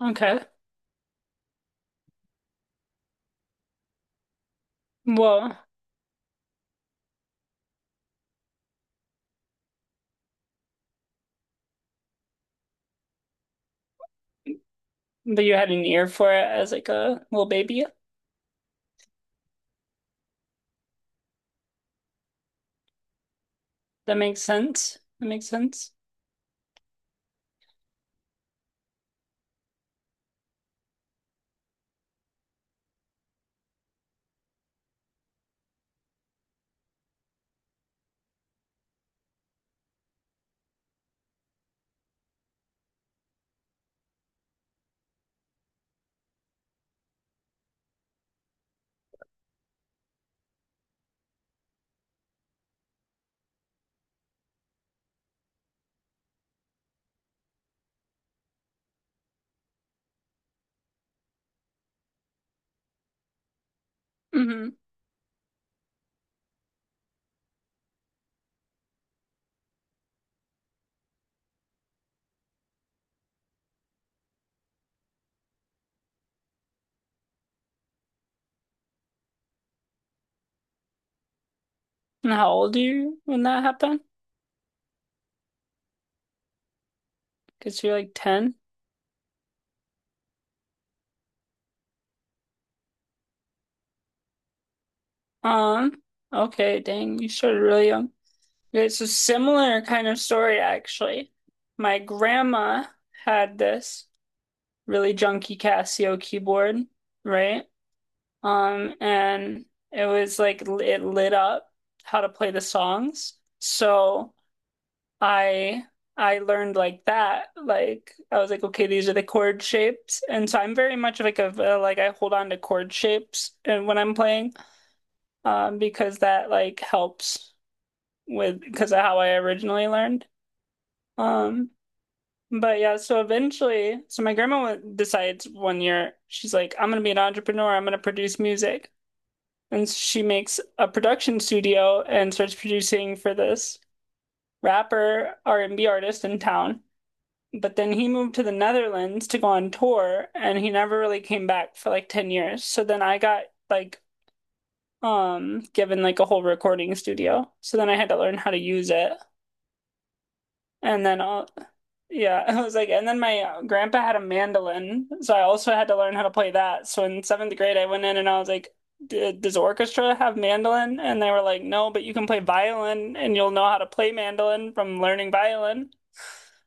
Okay. Well, but you had an ear for it as like a little baby. That makes sense. That makes sense. Hmm. And how old are you when that happened? Because you're like 10. Um, okay, dang, you started really young. Okay, it's a similar kind of story actually. My grandma had this really junky Casio keyboard, right? And it was like it lit up how to play the songs. So I I learned like that. Like I was like, okay, these are the chord shapes, and so I'm very much like a like I hold on to chord shapes and when I'm playing, because that like helps with because of how I originally learned. Um, but yeah, so eventually, so my grandma decides one year she's like, I'm gonna be an entrepreneur. I'm gonna produce music, and she makes a production studio and starts producing for this rapper R&B artist in town, but then he moved to the Netherlands to go on tour and he never really came back for like 10 years. So then I got like given like a whole recording studio. So then I had to learn how to use it. And then yeah, I was like and then my grandpa had a mandolin, so I also had to learn how to play that. So in 7th grade I went in and I was like, Does orchestra have mandolin?" And they were like, no, but you can play violin and you'll know how to play mandolin from learning violin.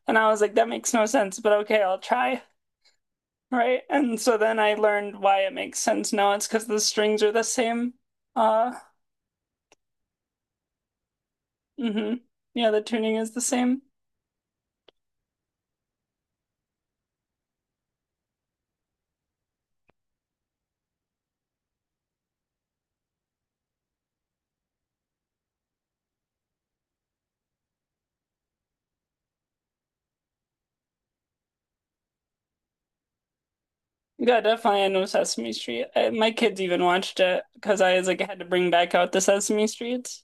And I was like, that makes no sense, but okay, I'll try. Right. And so then I learned why it makes sense now. It's because the strings are the same. Uh, hmm. Yeah, the tuning is the same. Yeah, definitely. I know Sesame Street. I, my kids even watched it because I was like, I had to bring back out the Sesame Streets.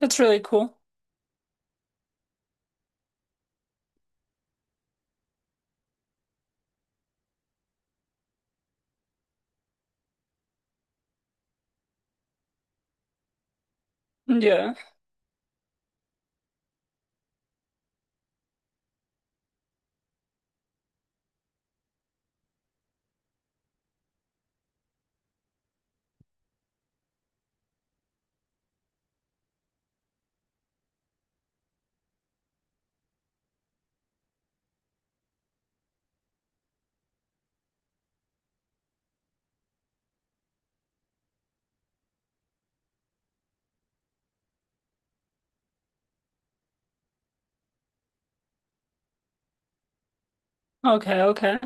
That's really cool. Yeah. Okay, okay.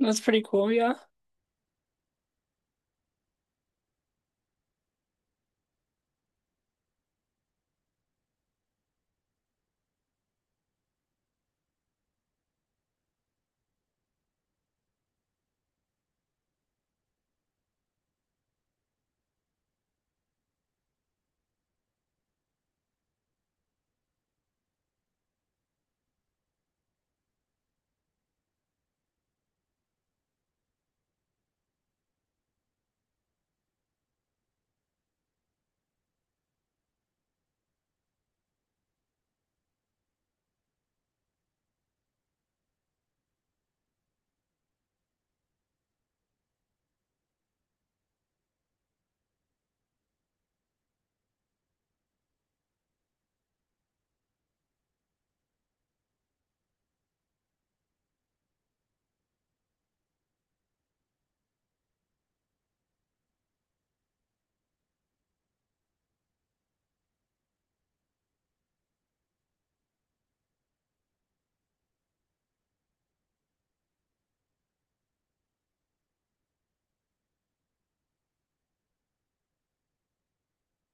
That's pretty cool. Yeah.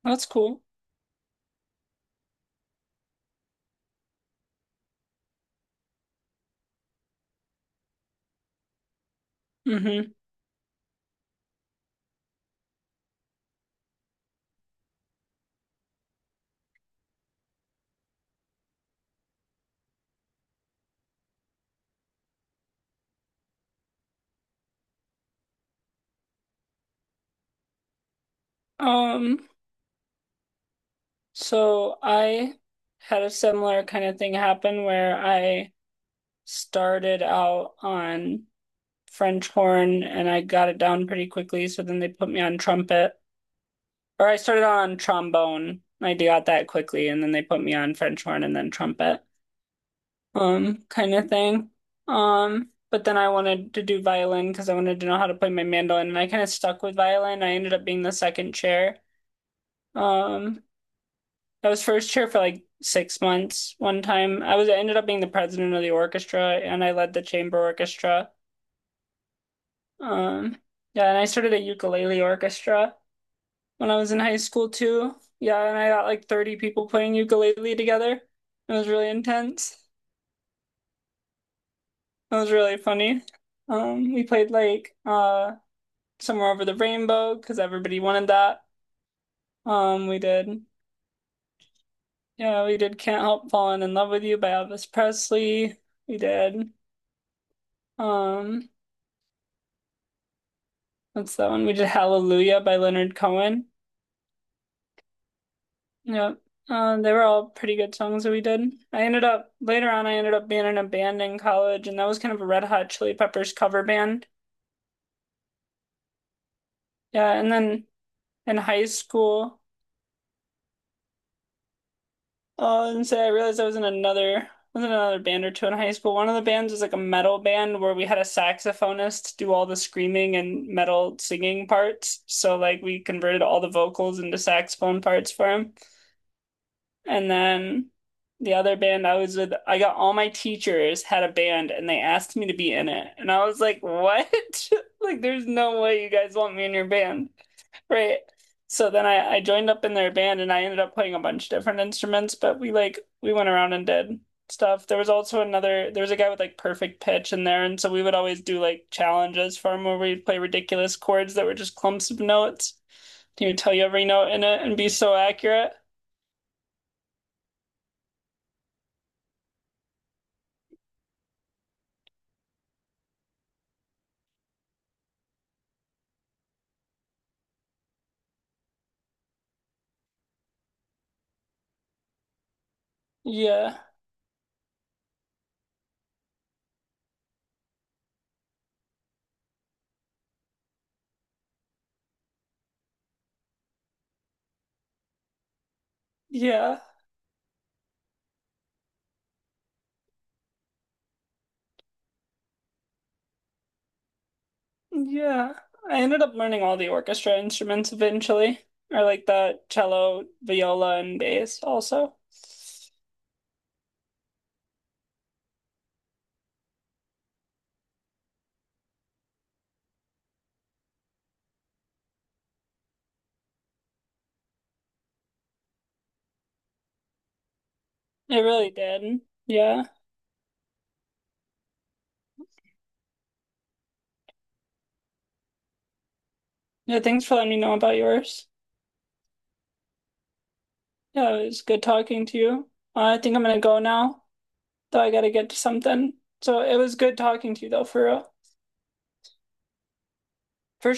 That's cool. Mm-hmm. Um, So I had a similar kind of thing happen where I started out on French horn and I got it down pretty quickly. So then they put me on trumpet, or I started on trombone. I got that quickly, and then they put me on French horn and then trumpet, kind of thing. But then I wanted to do violin because I wanted to know how to play my mandolin, and I kind of stuck with violin. I ended up being the second chair. Um, I was first chair for like 6 months one time. I ended up being the president of the orchestra and I led the chamber orchestra. Um, yeah, and I started a ukulele orchestra when I was in high school too. Yeah, and I got like 30 people playing ukulele together. It was really intense. It was really funny. We played like Somewhere Over the Rainbow because everybody wanted that. We did Yeah, we did Can't Help Falling in Love with You by Elvis Presley. We did um That's that one. We did Hallelujah by Leonard Cohen. Yeah, they were all pretty good songs that we did. I ended up later on, I ended up being in a band in college, and that was kind of a Red Hot Chili Peppers cover band. Yeah, and then in high school, oh, and so I realized I was in another band or two in high school. One of the bands was like a metal band where we had a saxophonist do all the screaming and metal singing parts. So like we converted all the vocals into saxophone parts for him. And then the other band I was with, I got all my teachers had a band and they asked me to be in it. And I was like, what? Like, there's no way you guys want me in your band. Right. So then I joined up in their band and I ended up playing a bunch of different instruments, but we went around and did stuff. There was also another there was a guy with like perfect pitch in there, and so we would always do like challenges for him where we'd play ridiculous chords that were just clumps of notes. He would tell you every note in it and be so accurate. Yeah, yeah, yeah. I ended up learning all the orchestra instruments eventually, or like the cello, viola, and bass also. I really did. Yeah. Yeah, thanks for letting me know about yours. Yeah, it was good talking to you. I think I'm gonna go now, though I gotta get to something. So it was good talking to you though, for real. For